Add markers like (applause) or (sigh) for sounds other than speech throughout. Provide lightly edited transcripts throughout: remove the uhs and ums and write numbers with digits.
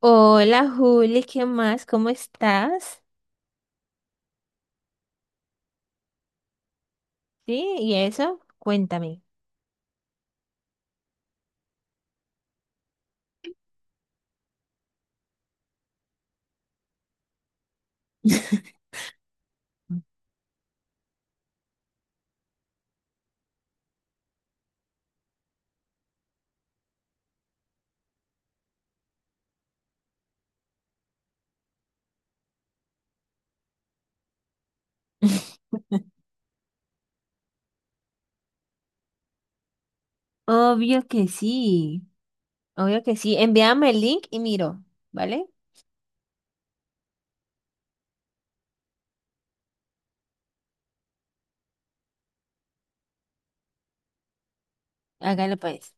Hola Juli, ¿qué más? ¿Cómo estás? ¿Sí? ¿Y eso? Cuéntame. (laughs) Obvio que sí, obvio que sí. Envíame el link y miro, ¿vale? Hágalo pues.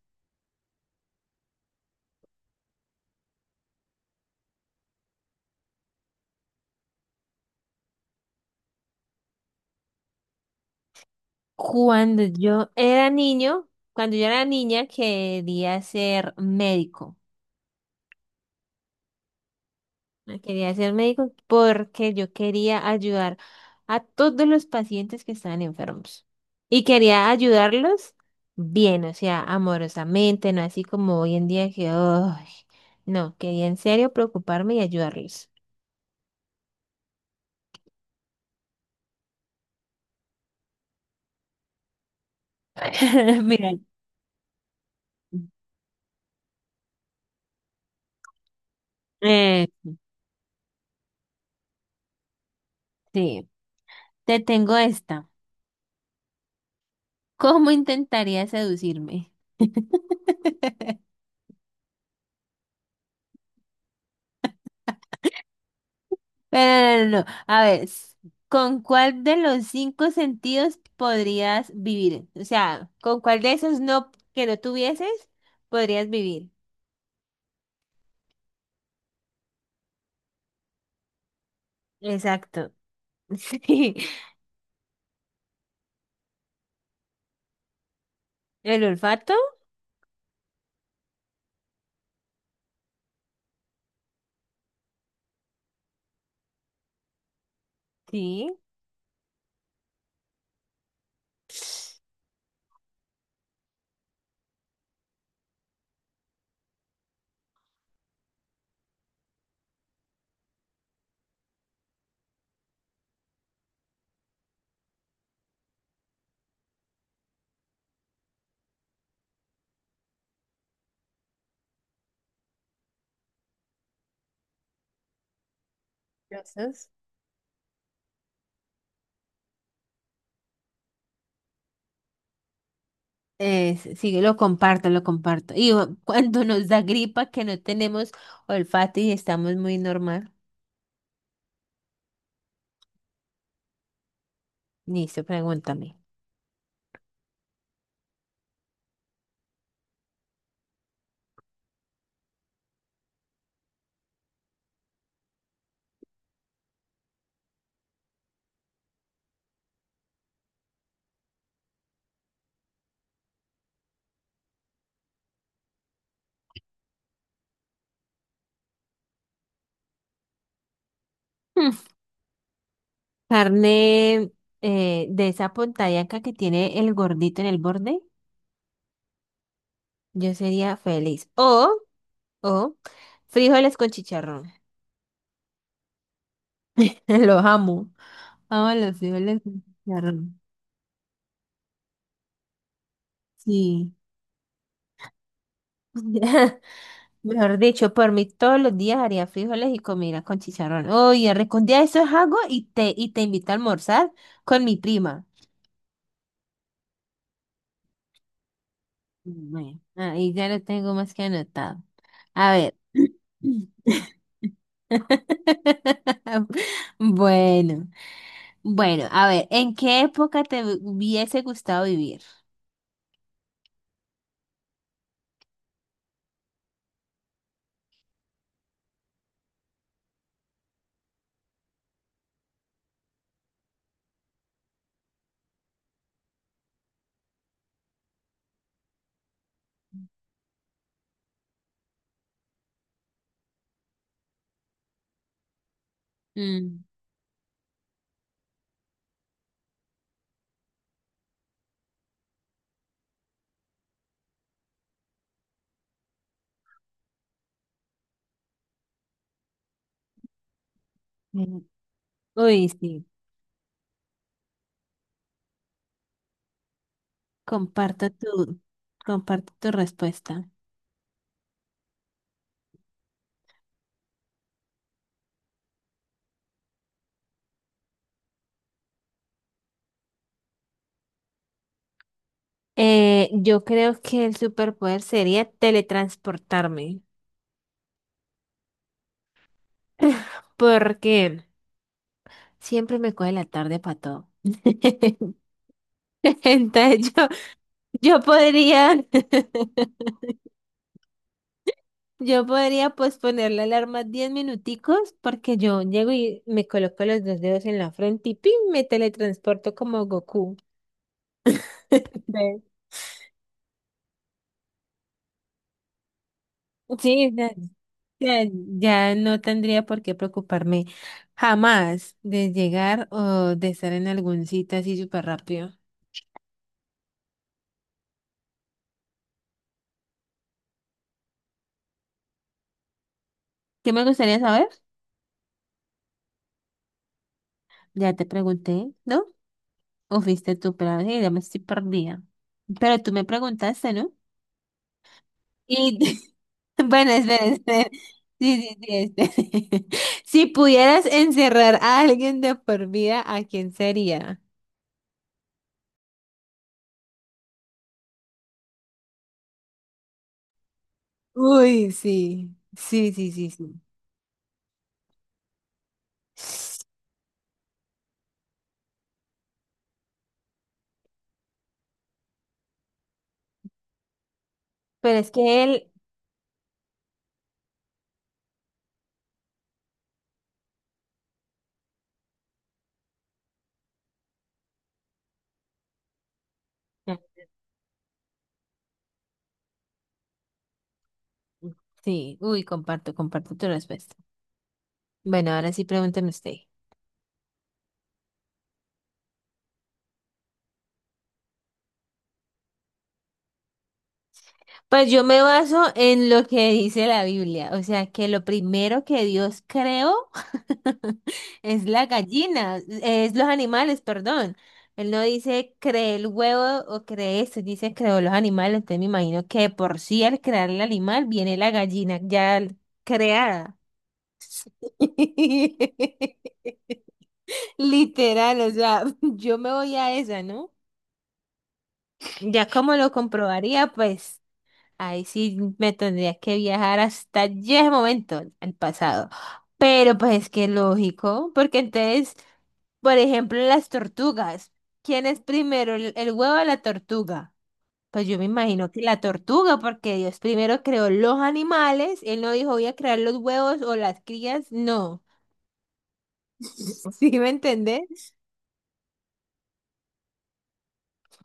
Cuando yo era niño, cuando yo era niña quería ser médico. No. Quería ser médico porque yo quería ayudar a todos los pacientes que estaban enfermos. Y quería ayudarlos bien, o sea, amorosamente, no así como hoy en día que, "Ay". No, quería en serio preocuparme y ayudarlos. (laughs) Mira, eh, sí, te tengo esta. ¿Cómo intentaría seducirme? (laughs) Pero no, no, no. No. A ver, ¿con cuál de los cinco sentidos podrías vivir? O sea, ¿con cuál de esos no que no tuvieses podrías vivir? Exacto. (laughs) Sí. ¿El olfato? Sí. Gracias. Es sí, lo comparto, lo comparto. Y cuando nos da gripa que no tenemos olfato y estamos muy normal. Listo, pregúntame. Mm. Carne, de esa pontallaca que tiene el gordito en el borde, yo sería feliz. O, frijoles con chicharrón. (laughs) Los amo. Amo los frijoles con chicharrón. Sí. (laughs) Mejor dicho, por mí todos los días haría frijoles y comida con chicharrón. Oye, recondía eso es algo y te invito a almorzar con mi prima. Bueno, ahí ya lo tengo más que anotado. A ver. (clears throat) (laughs) Bueno, bueno, a ver, ¿en qué época te hubiese gustado vivir? Mm. Mm. Uy, sí, comparto tu, comparto tu respuesta. Yo creo que el superpoder sería teletransportarme, porque siempre me coge la tarde para todo. (laughs) Entonces yo, yo podría, (laughs) yo podría posponer la alarma 10 minuticos porque yo llego y me coloco los dos dedos en la frente y ¡pim! Me teletransporto como Goku. (laughs) Ve. Sí, ya, ya no tendría por qué preocuparme jamás de llegar o de estar en algún sitio así súper rápido. ¿Qué me gustaría saber? Ya te pregunté, ¿no? O fuiste tú, pero ay, ya me estoy perdida. Pero tú me preguntaste, ¿no? Y (laughs) bueno, espera. Sí, sí, sí, espera. (laughs) Si pudieras encerrar a alguien de por vida, ¿a quién sería? Uy, sí. Sí, sí, sí, sí. Pero es que él... Sí, uy, comparto, comparto tu respuesta. Bueno, ahora sí pregúntame usted. Pues yo me baso en lo que dice la Biblia, o sea, que lo primero que Dios creó (laughs) es la gallina, es los animales, perdón. Él no dice creé el huevo o creé esto, dice creó los animales, entonces me imagino que de por sí al crear el animal viene la gallina ya creada. (laughs) Literal, o sea, (laughs) yo me voy a esa, ¿no? Ya como lo comprobaría, pues ahí sí me tendría que viajar hasta allí ese momento, al pasado. Pero pues es que lógico, porque entonces, por ejemplo, las tortugas. ¿Quién es primero, el huevo o la tortuga? Pues yo me imagino que la tortuga, porque Dios primero creó los animales, él no dijo voy a crear los huevos o las crías, no. (laughs) ¿Sí me entendés?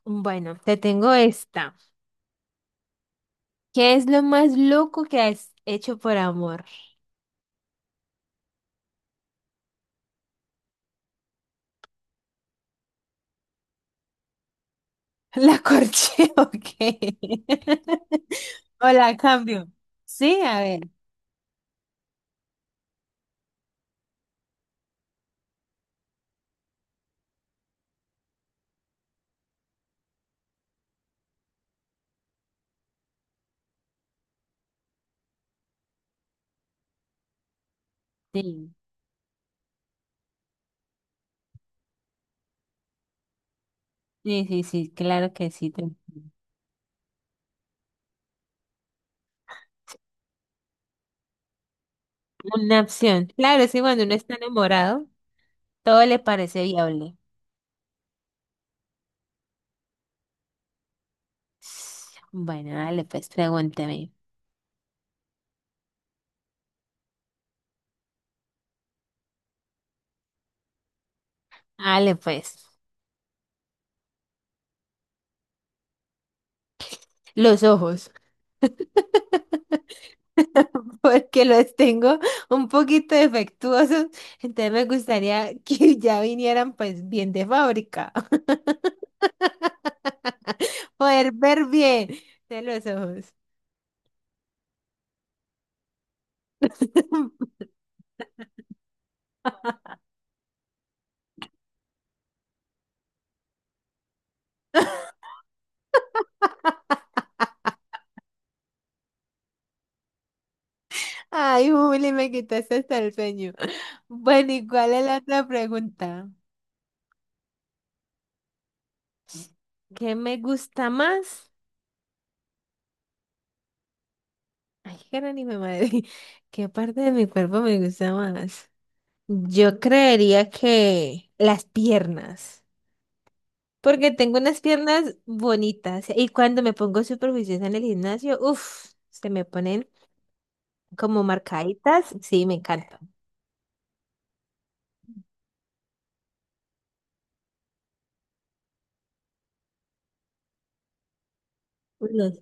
Bueno, te tengo esta. ¿Qué es lo más loco que has hecho por amor? La corché, (laughs) ok. (laughs) O la cambio. Sí, a ver. Sí, sí, sí, sí, claro que sí. te Una opción. Claro, sí, cuando uno está enamorado, todo le parece viable. Bueno, dale pues, pregúnteme. Dale pues. Los ojos, (laughs) porque los tengo un poquito defectuosos, entonces me gustaría (laughs) que ya vinieran pues bien de fábrica. (laughs) (laughs) Poder ver bien de los ojos. (laughs) Ay, Juli, me quitaste hasta el sueño. Bueno, ¿y cuál es la otra pregunta? ¿Qué me gusta más? Ay, cara ni me madre. (laughs) ¿Qué parte de mi cuerpo me gusta más? Yo creería que las piernas. Porque tengo unas piernas bonitas. Y cuando me pongo súper juiciosa en el gimnasio, uff, se me ponen como marcaditas. Sí, me encantan. Los-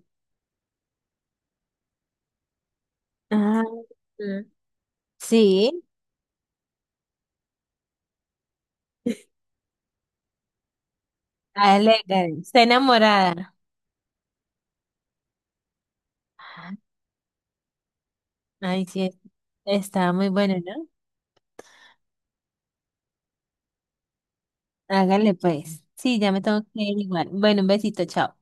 ah, mm. Sí, hágale, hágale. Está enamorada. Ay, sí, está muy bueno, ¿no? Hágale pues. Sí, ya me tengo que ir igual. Bueno, un besito, chao.